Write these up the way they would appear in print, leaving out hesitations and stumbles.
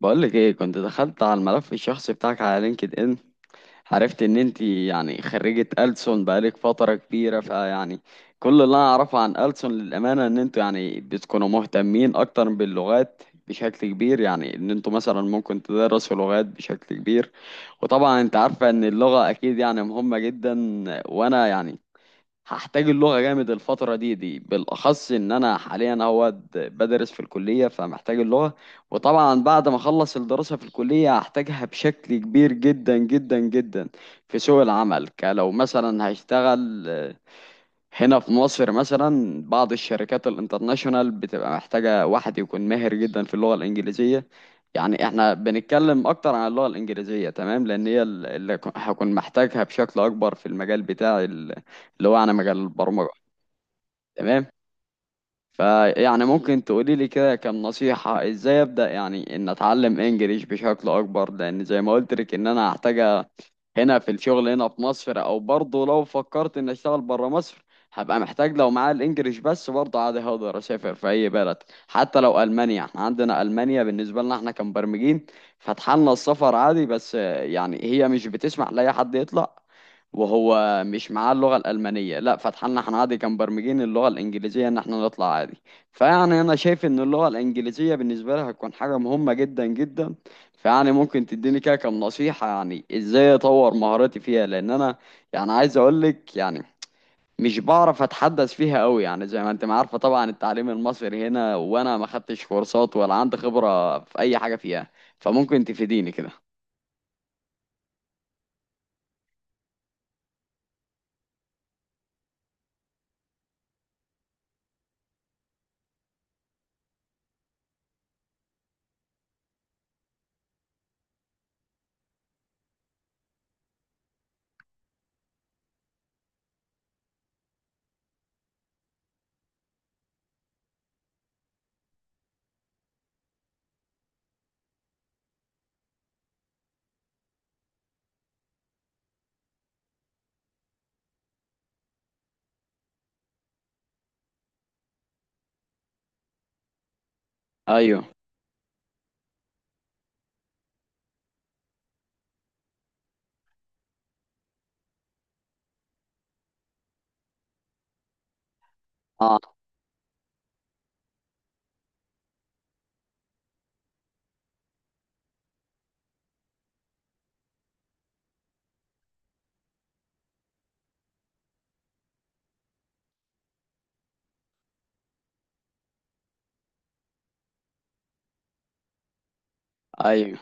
بقولك ايه؟ كنت دخلت على الملف الشخصي بتاعك على لينكد ان، عرفت ان انت يعني خريجة ألسن بقالك فترة كبيرة. فيعني كل اللي انا اعرفه عن ألسن للأمانة ان انتوا يعني بتكونوا مهتمين اكتر باللغات بشكل كبير، يعني ان انتوا مثلا ممكن تدرسوا لغات بشكل كبير. وطبعا انت عارفة ان اللغة اكيد يعني مهمة جدا، وانا يعني هحتاج اللغة جامد الفترة دي بالأخص إن أنا حاليا أهوت بدرس في الكلية، فمحتاج اللغة. وطبعا بعد ما أخلص الدراسة في الكلية هحتاجها بشكل كبير جدا جدا جدا في سوق العمل كلو. مثلا هشتغل هنا في مصر، مثلا بعض الشركات الانترناشونال بتبقى محتاجة واحد يكون ماهر جدا في اللغة الإنجليزية. يعني احنا بنتكلم أكتر عن اللغة الإنجليزية، تمام، لأن هي اللي هكون محتاجها بشكل أكبر في المجال بتاعي اللي هو أنا مجال البرمجة. تمام. فيعني ممكن تقولي لي كده كم نصيحة ازاي ابدأ يعني ان اتعلم انجليش بشكل اكبر، لان زي ما قلت لك ان انا هحتاجها هنا في الشغل هنا في مصر، او برضه لو فكرت ان اشتغل بره مصر هبقى محتاج. لو معايا الانجليش بس برضه عادي، هقدر اسافر في اي بلد حتى لو المانيا. احنا عندنا المانيا بالنسبة لنا احنا كمبرمجين فاتحلنا السفر عادي، بس يعني هي مش بتسمح لاي حد يطلع وهو مش معاه اللغة الألمانية، لا، فتحنا هنعدي كان برمجين اللغة الإنجليزية إن احنا نطلع عادي. فيعني أنا شايف إن اللغة الإنجليزية بالنسبة لي هتكون حاجة مهمة جدا جدا. فيعني ممكن تديني كده كام نصيحة يعني إزاي أطور مهاراتي فيها، لأن أنا يعني عايز أقولك يعني مش بعرف أتحدث فيها أوي، يعني زي ما أنت ما عارفة طبعا التعليم المصري هنا، وأنا ما خدتش كورسات ولا عندي خبرة في أي حاجة فيها، فممكن تفيديني كده. أيوه. أه. أيوه.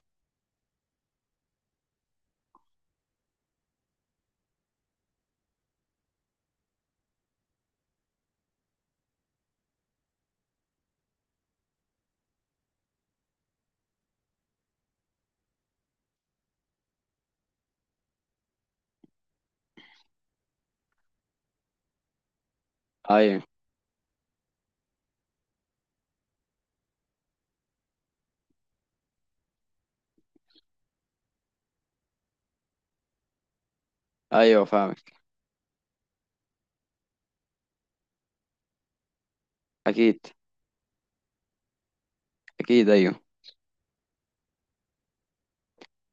أيوه. أيوه، فاهمك. أكيد. اكيد، ايوه.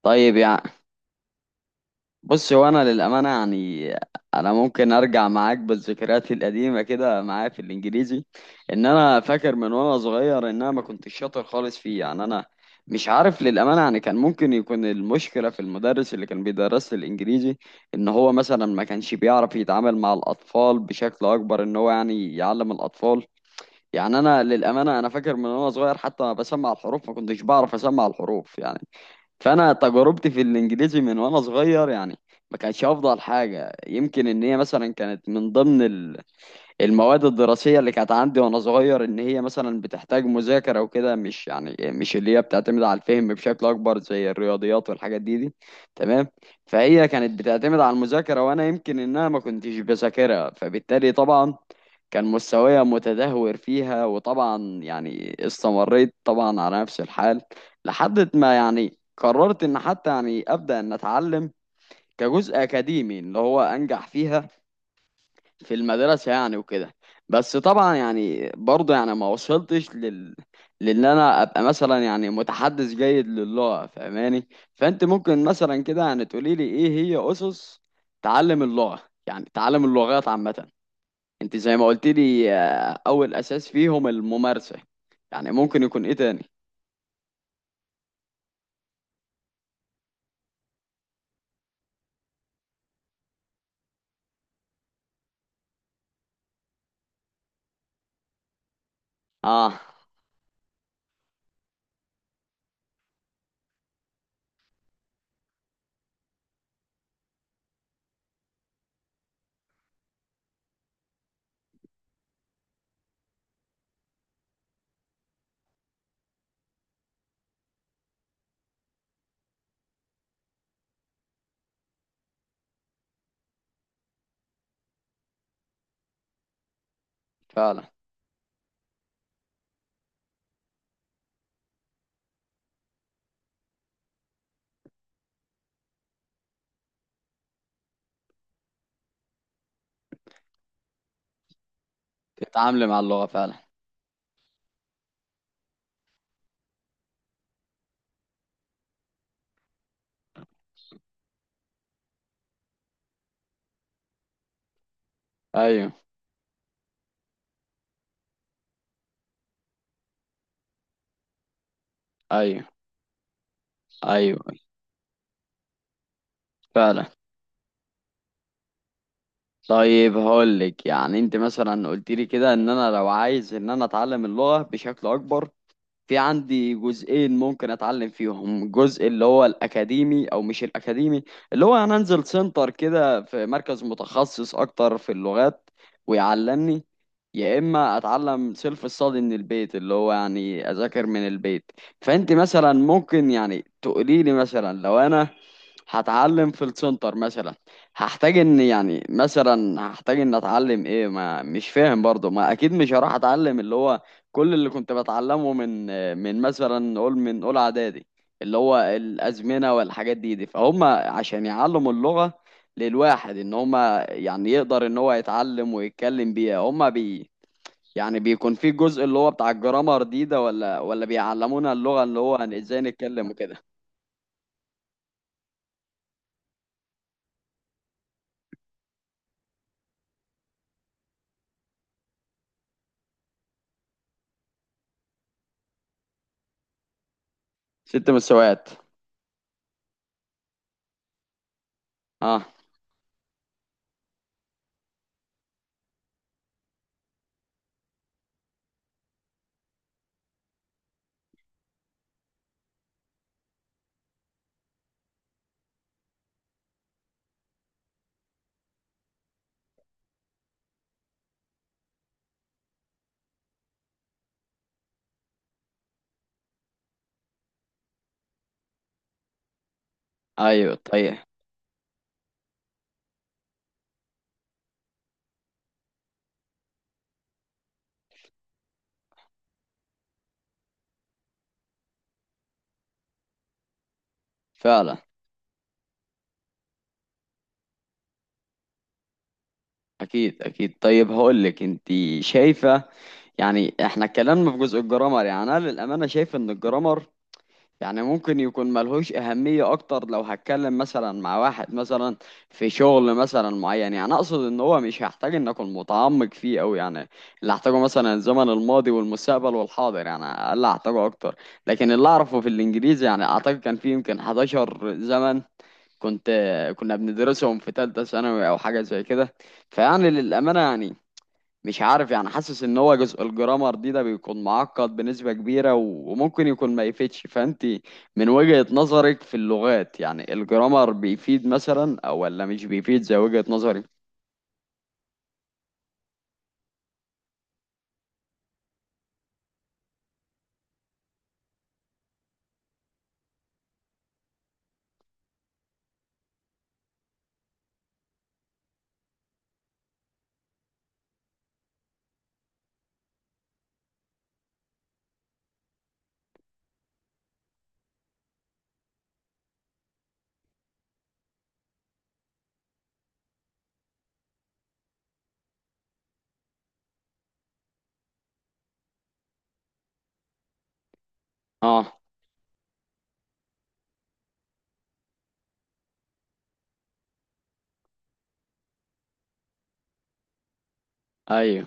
طيب يعني، بص هو انا للامانه يعني انا ممكن ارجع معاك بالذكريات القديمه كده معايا في الانجليزي، ان انا فاكر من وانا صغير ان انا ما كنتش شاطر خالص فيه. يعني انا مش عارف للامانه، يعني كان ممكن يكون المشكله في المدرس اللي كان بيدرس لي الانجليزي، ان هو مثلا ما كانش بيعرف يتعامل مع الاطفال بشكل اكبر، ان هو يعني يعلم الاطفال. يعني انا للامانه انا فاكر من وانا صغير حتى انا بسمع الحروف ما كنتش بعرف اسمع الحروف، يعني فانا تجربتي في الانجليزي من وانا صغير يعني ما كانتش افضل حاجه. يمكن ان هي مثلا كانت من ضمن المواد الدراسية اللي كانت عندي وأنا صغير، إن هي مثلا بتحتاج مذاكرة وكده، مش يعني مش اللي هي بتعتمد على الفهم بشكل أكبر زي الرياضيات والحاجات دي. تمام. فهي كانت بتعتمد على المذاكرة وأنا يمكن إن أنا ما كنتش بذاكرها، فبالتالي طبعا كان مستواي متدهور فيها، وطبعا يعني استمريت طبعا على نفس الحال لحد ما يعني قررت إن حتى يعني أبدأ إن أتعلم كجزء أكاديمي اللي هو أنجح فيها في المدرسة يعني وكده. بس طبعا يعني برضه يعني ما وصلتش لل، لان انا ابقى مثلا يعني متحدث جيد للغة، فاهماني؟ فانت ممكن مثلا كده يعني تقولي لي ايه هي اسس تعلم اللغة، يعني تعلم اللغات عامة. انت زي ما قلت لي اول اساس فيهم الممارسة، يعني ممكن يكون ايه تاني؟ اه. فعلا. تتعاملي مع اللغة فعلا. ايوه. ايوه. ايوه. فعلا. طيب هقول لك، يعني انت مثلا قلت لي كده ان انا لو عايز ان انا اتعلم اللغة بشكل اكبر في عندي جزئين ممكن اتعلم فيهم، الجزء اللي هو الاكاديمي او مش الاكاديمي اللي هو انا انزل سنتر كده في مركز متخصص اكتر في اللغات ويعلمني، يا اما اتعلم سيلف ستادي من البيت اللي هو يعني اذاكر من البيت. فانت مثلا ممكن يعني تقولي لي مثلا لو انا هتعلم في السنتر مثلا هحتاج ان يعني مثلا هحتاج ان اتعلم ايه؟ ما مش فاهم برضه، ما اكيد مش هروح اتعلم اللي هو كل اللي كنت بتعلمه من مثلا نقول من اولى اعدادي اللي هو الازمنه والحاجات دي. فهم عشان يعلموا اللغه للواحد ان هم يعني يقدر ان هو يتعلم ويتكلم بيها، هم بي يعني بيكون في جزء اللي هو بتاع الجرامر ده ولا بيعلمونا اللغه اللي هو ازاي نتكلم وكده؟ ست مساوات. اه. ايوه. طيب. فعلا. اكيد. اكيد، طيب هقول لك، انت شايفه يعني احنا اتكلمنا في جزء الجرامر، يعني انا للامانه شايف ان الجرامر يعني ممكن يكون ملهوش أهمية أكتر لو هتكلم مثلا مع واحد مثلا في شغل مثلا معين، يعني أقصد إن هو مش هحتاج إن أكون متعمق فيه أوي، يعني اللي هحتاجه مثلا الزمن الماضي والمستقبل والحاضر، يعني اللي هحتاجه أكتر. لكن اللي أعرفه في الإنجليزي يعني أعتقد كان فيه يمكن 11 زمن كنت كنا بندرسهم في تالتة ثانوي أو حاجة زي كده. فيعني للأمانة يعني مش عارف، يعني حاسس ان هو جزء الجرامر ده بيكون معقد بنسبة كبيرة وممكن يكون ما يفيدش. فانت من وجهة نظرك في اللغات يعني الجرامر بيفيد مثلا او ولا مش بيفيد زي وجهة نظري؟ اه. ايوه.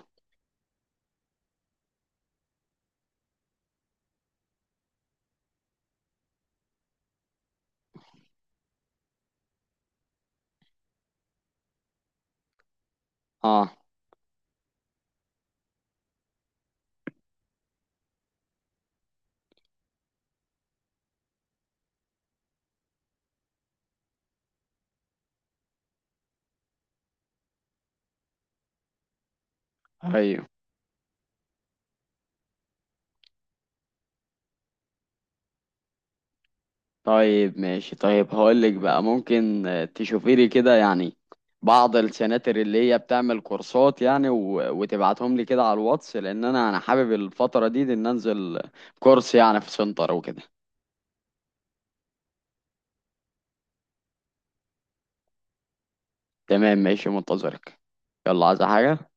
اه. ايوه. طيب ماشي. طيب هقول لك بقى، ممكن تشوفي لي كده يعني بعض السناتر اللي هي بتعمل كورسات يعني وتبعتهم لي كده على الواتس، لان انا حابب الفترة دي ان انزل كورس يعني في سنتر وكده. تمام ماشي، منتظرك. يلا، عايز حاجة؟